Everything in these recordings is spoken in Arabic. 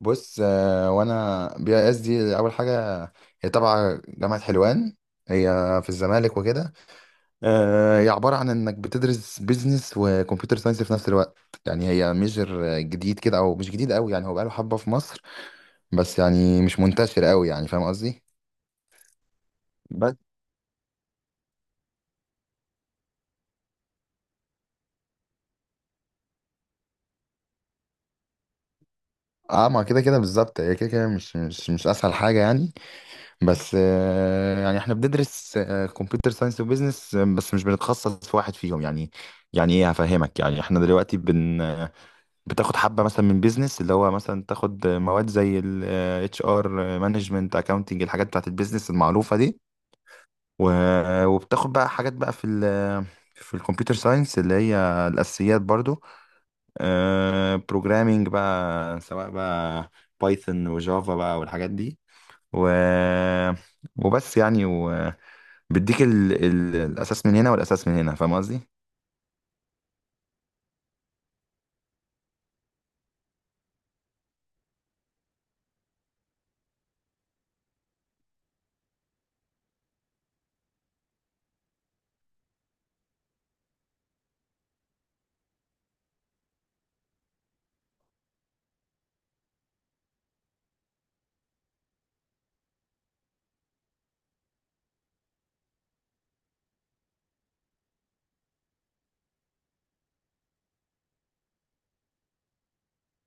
بص، وانا BIS-D اول حاجه. هي تبع جامعه حلوان، هي في الزمالك وكده. هي عباره عن انك بتدرس بيزنس وكمبيوتر ساينس في نفس الوقت. يعني هي ميجر جديد كده او مش جديد قوي، يعني هو بقاله حبه في مصر، بس يعني مش منتشر قوي، يعني فاهم قصدي. بس اه، ما كده كده بالظبط، هي كده كده مش اسهل حاجه يعني. بس يعني احنا بندرس كمبيوتر ساينس وبزنس، بس مش بنتخصص في واحد فيهم يعني. يعني ايه هفهمك، يعني احنا دلوقتي بن آه، بتاخد حبة مثلا من بزنس، اللي هو مثلا تاخد مواد زي ال HR مانجمنت اكاونتنج، الحاجات بتاعت البيزنس المعروفة دي، وبتاخد بقى حاجات بقى في ال آه، في الكمبيوتر ساينس، اللي هي الاساسيات برضو، بروجرامينج بقى، سواء بقى بايثون وجافا بقى والحاجات دي. و آه، وبس يعني بيديك الاساس من هنا والاساس من هنا، فاهم قصدي.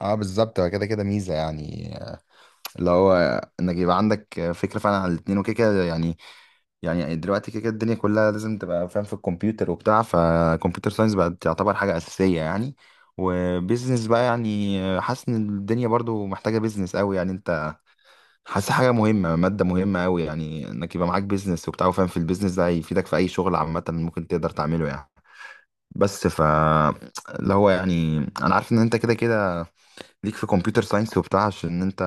اه، بالظبط هو كده كده ميزه يعني، اللي هو انك يبقى عندك فكره فعلا على الاتنين وكده كده يعني. يعني دلوقتي كده كده الدنيا كلها لازم تبقى فاهم في الكمبيوتر وبتاع، فكمبيوتر ساينس بقت تعتبر حاجه اساسيه يعني. وبيزنس بقى يعني حاسس ان الدنيا برضو محتاجه بيزنس قوي يعني، انت حاسس حاجه مهمه، ماده مهمه قوي يعني، انك يبقى معاك بيزنس وبتاع وفاهم في البيزنس، ده هيفيدك في اي شغل عامه ممكن تقدر تعمله يعني. بس ف اللي هو يعني انا عارف ان انت كده كده ليك في كمبيوتر ساينس وبتاع، عشان انت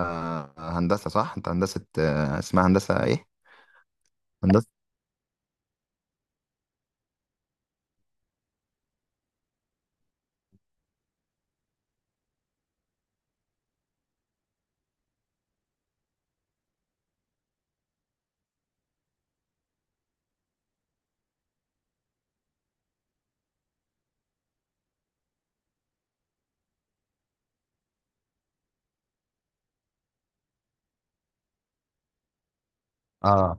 هندسه صح؟ انت هندسه اسمها هندسه ايه؟ هندسه. اه،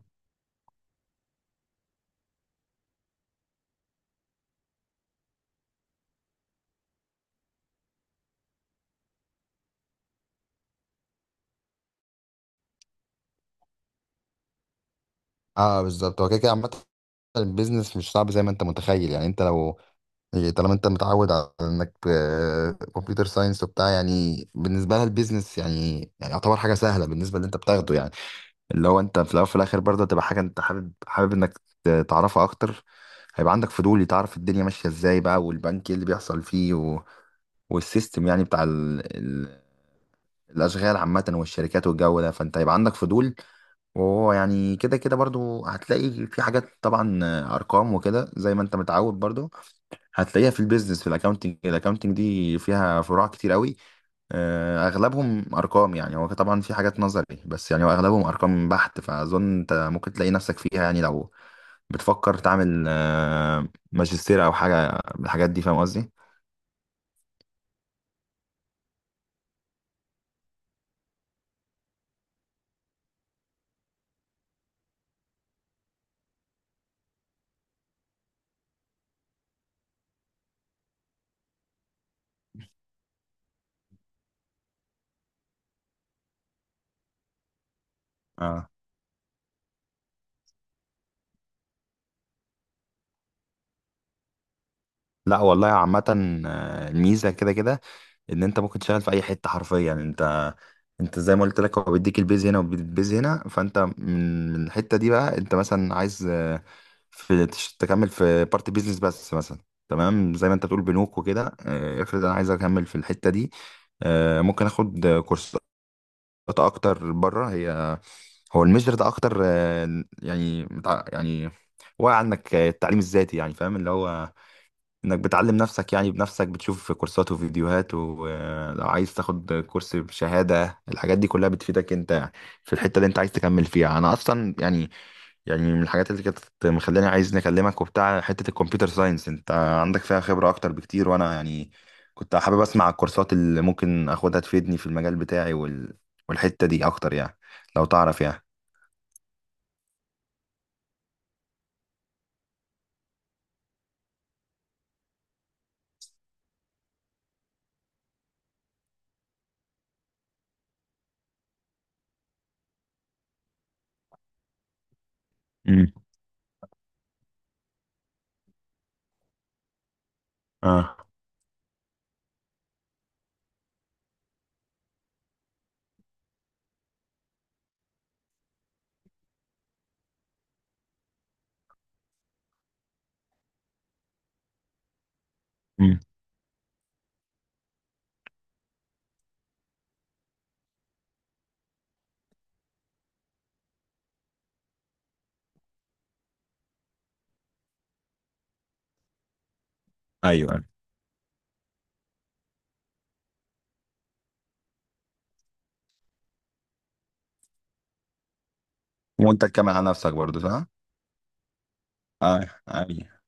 اه بالظبط هو كده كده عامة البيزنس مش صعب زي ما انت متخيل يعني. انت لو يعني طالما انت متعود على انك كمبيوتر ساينس وبتاع، يعني بالنسبه لها البيزنس يعني يعني يعتبر حاجه سهله بالنسبه اللي انت بتاخده يعني. اللي هو انت في الاول وفي الاخر برضه هتبقى حاجه انت حابب حابب انك تعرفها اكتر، هيبقى عندك فضول تعرف الدنيا ماشيه ازاي بقى، والبنك ايه اللي بيحصل فيه، والسيستم يعني بتاع الاشغال عامه والشركات والجو ده، فانت هيبقى عندك فضول. وهو يعني كده كده برضه هتلاقي في حاجات طبعا، ارقام وكده زي ما انت متعود برضه هتلاقيها في البيزنس في الاكونتنج، الاكونتنج دي فيها فروع كتير قوي، اغلبهم ارقام يعني. هو طبعا في حاجات نظري بس يعني هو اغلبهم ارقام بحت، فاظن انت ممكن تلاقي نفسك فيها يعني، لو بتفكر تعمل ماجستير او حاجه من الحاجات دي، فاهم قصدي. اه، لا والله عامه الميزه كده كده ان انت ممكن تشتغل في اي حته حرفيا يعني. انت زي ما قلت لك هو بيديك البيز هنا وبيديك هنا، فانت من الحته دي بقى انت مثلا عايز في تكمل في بارت بيزنس بس مثلا، تمام زي ما انت بتقول بنوك وكده. افرض انا عايز اكمل في الحته دي، ممكن اخد كورسات اكتر بره. هي هو الميجر ده اكتر يعني يعني واقع عنك التعليم الذاتي يعني، فاهم اللي هو انك بتعلم نفسك يعني بنفسك، بتشوف كورسات وفيديوهات، ولو عايز تاخد كورس بشهادة، الحاجات دي كلها بتفيدك انت يعني في الحتة اللي انت عايز تكمل فيها. انا اصلا يعني يعني من الحاجات اللي كانت مخلاني عايز نكلمك وبتاع حتة الكمبيوتر ساينس، انت عندك فيها خبرة اكتر بكتير، وانا يعني كنت حابب اسمع الكورسات اللي ممكن اخدها تفيدني في المجال بتاعي، والحتة دي اكتر يعني لو تعرف يعني. امم اه، امم ايوه، أيوة. وانت تكمل على نفسك برضه صح؟ اه، ايوه.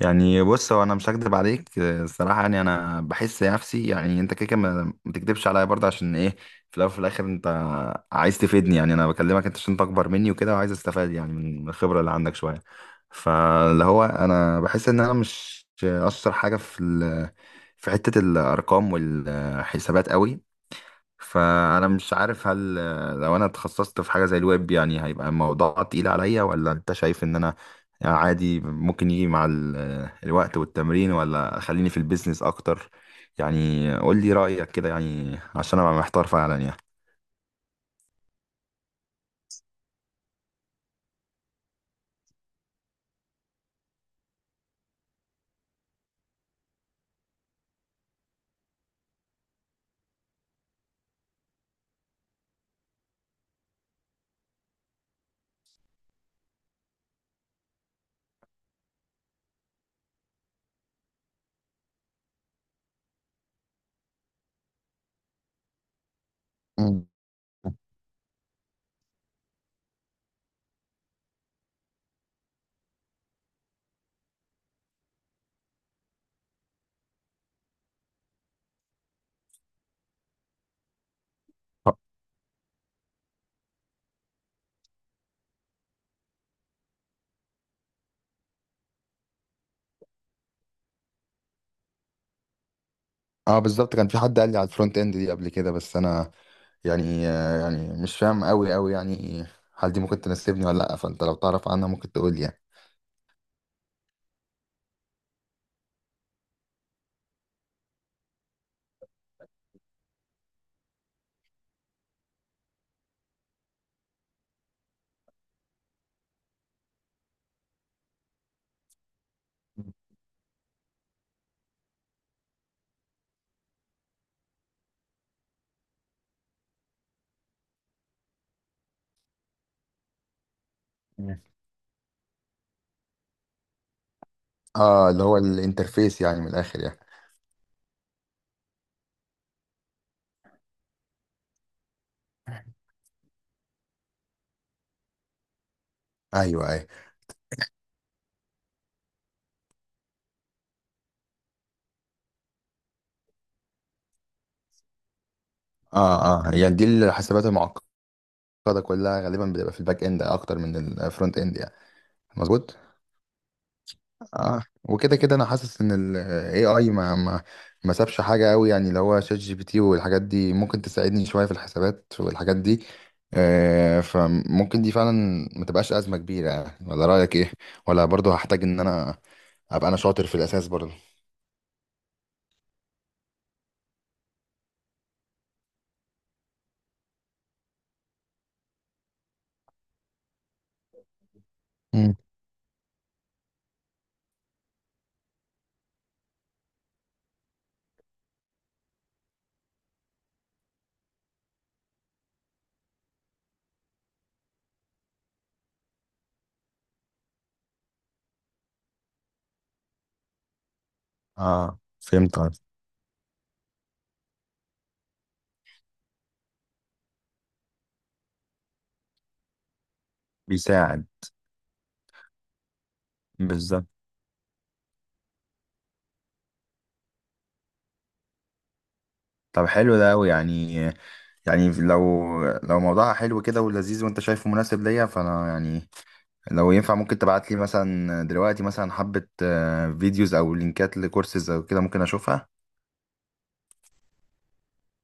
يعني بص هو انا مش هكدب عليك، الصراحه يعني انا بحس نفسي، يعني انت كده كده ما تكدبش عليا برضه عشان ايه، في الاول وفي الاخر انت عايز تفيدني يعني. انا بكلمك انت عشان انت اكبر مني وكده، وعايز استفاد يعني من الخبره اللي عندك شويه. فاللي هو انا بحس ان انا مش اشطر حاجه في في حته الارقام والحسابات قوي. فانا مش عارف هل لو انا اتخصصت في حاجه زي الويب يعني هيبقى الموضوع تقيل عليا، ولا انت شايف ان انا عادي ممكن يجي مع الوقت والتمرين، ولا خليني في البيزنس اكتر. يعني قول لي رايك كده يعني عشان ابقى محتار فعلا يعني. مم. اه، بالظبط كان في حد قال لي على الفرونت اند دي قبل كده، بس انا يعني يعني مش فاهم قوي قوي يعني، هل دي ممكن تناسبني ولا لا؟ فانت لو تعرف عنها ممكن تقول لي يعني. مم. اه، اللي هو الانترفيس يعني من الاخر يعني. ايوه، ايوه. اه، اه يعني دي الحسابات المعقده كلها غالبا بتبقى في الباك اند اكتر من الفرونت اند يعني. مظبوط. اه، وكده كده انا حاسس ان الAI ما سابش حاجه قوي يعني، اللي هو ChatGPT والحاجات دي ممكن تساعدني شويه في الحسابات والحاجات دي. آه فممكن دي فعلا ما تبقاش ازمه كبيره يعني. ولا رايك ايه؟ ولا برضو هحتاج ان انا ابقى انا شاطر في الاساس برضو. مم. اه، فهمت قصدك. بيساعد. طب حلو ده أوي يعني. يعني لو موضوعها حلو كده ولذيذ وانت شايفه مناسب ليا، فانا يعني لو ينفع ممكن تبعت لي مثلا دلوقتي مثلا حبة فيديوز او لينكات لكورسز او كده، ممكن اشوفها.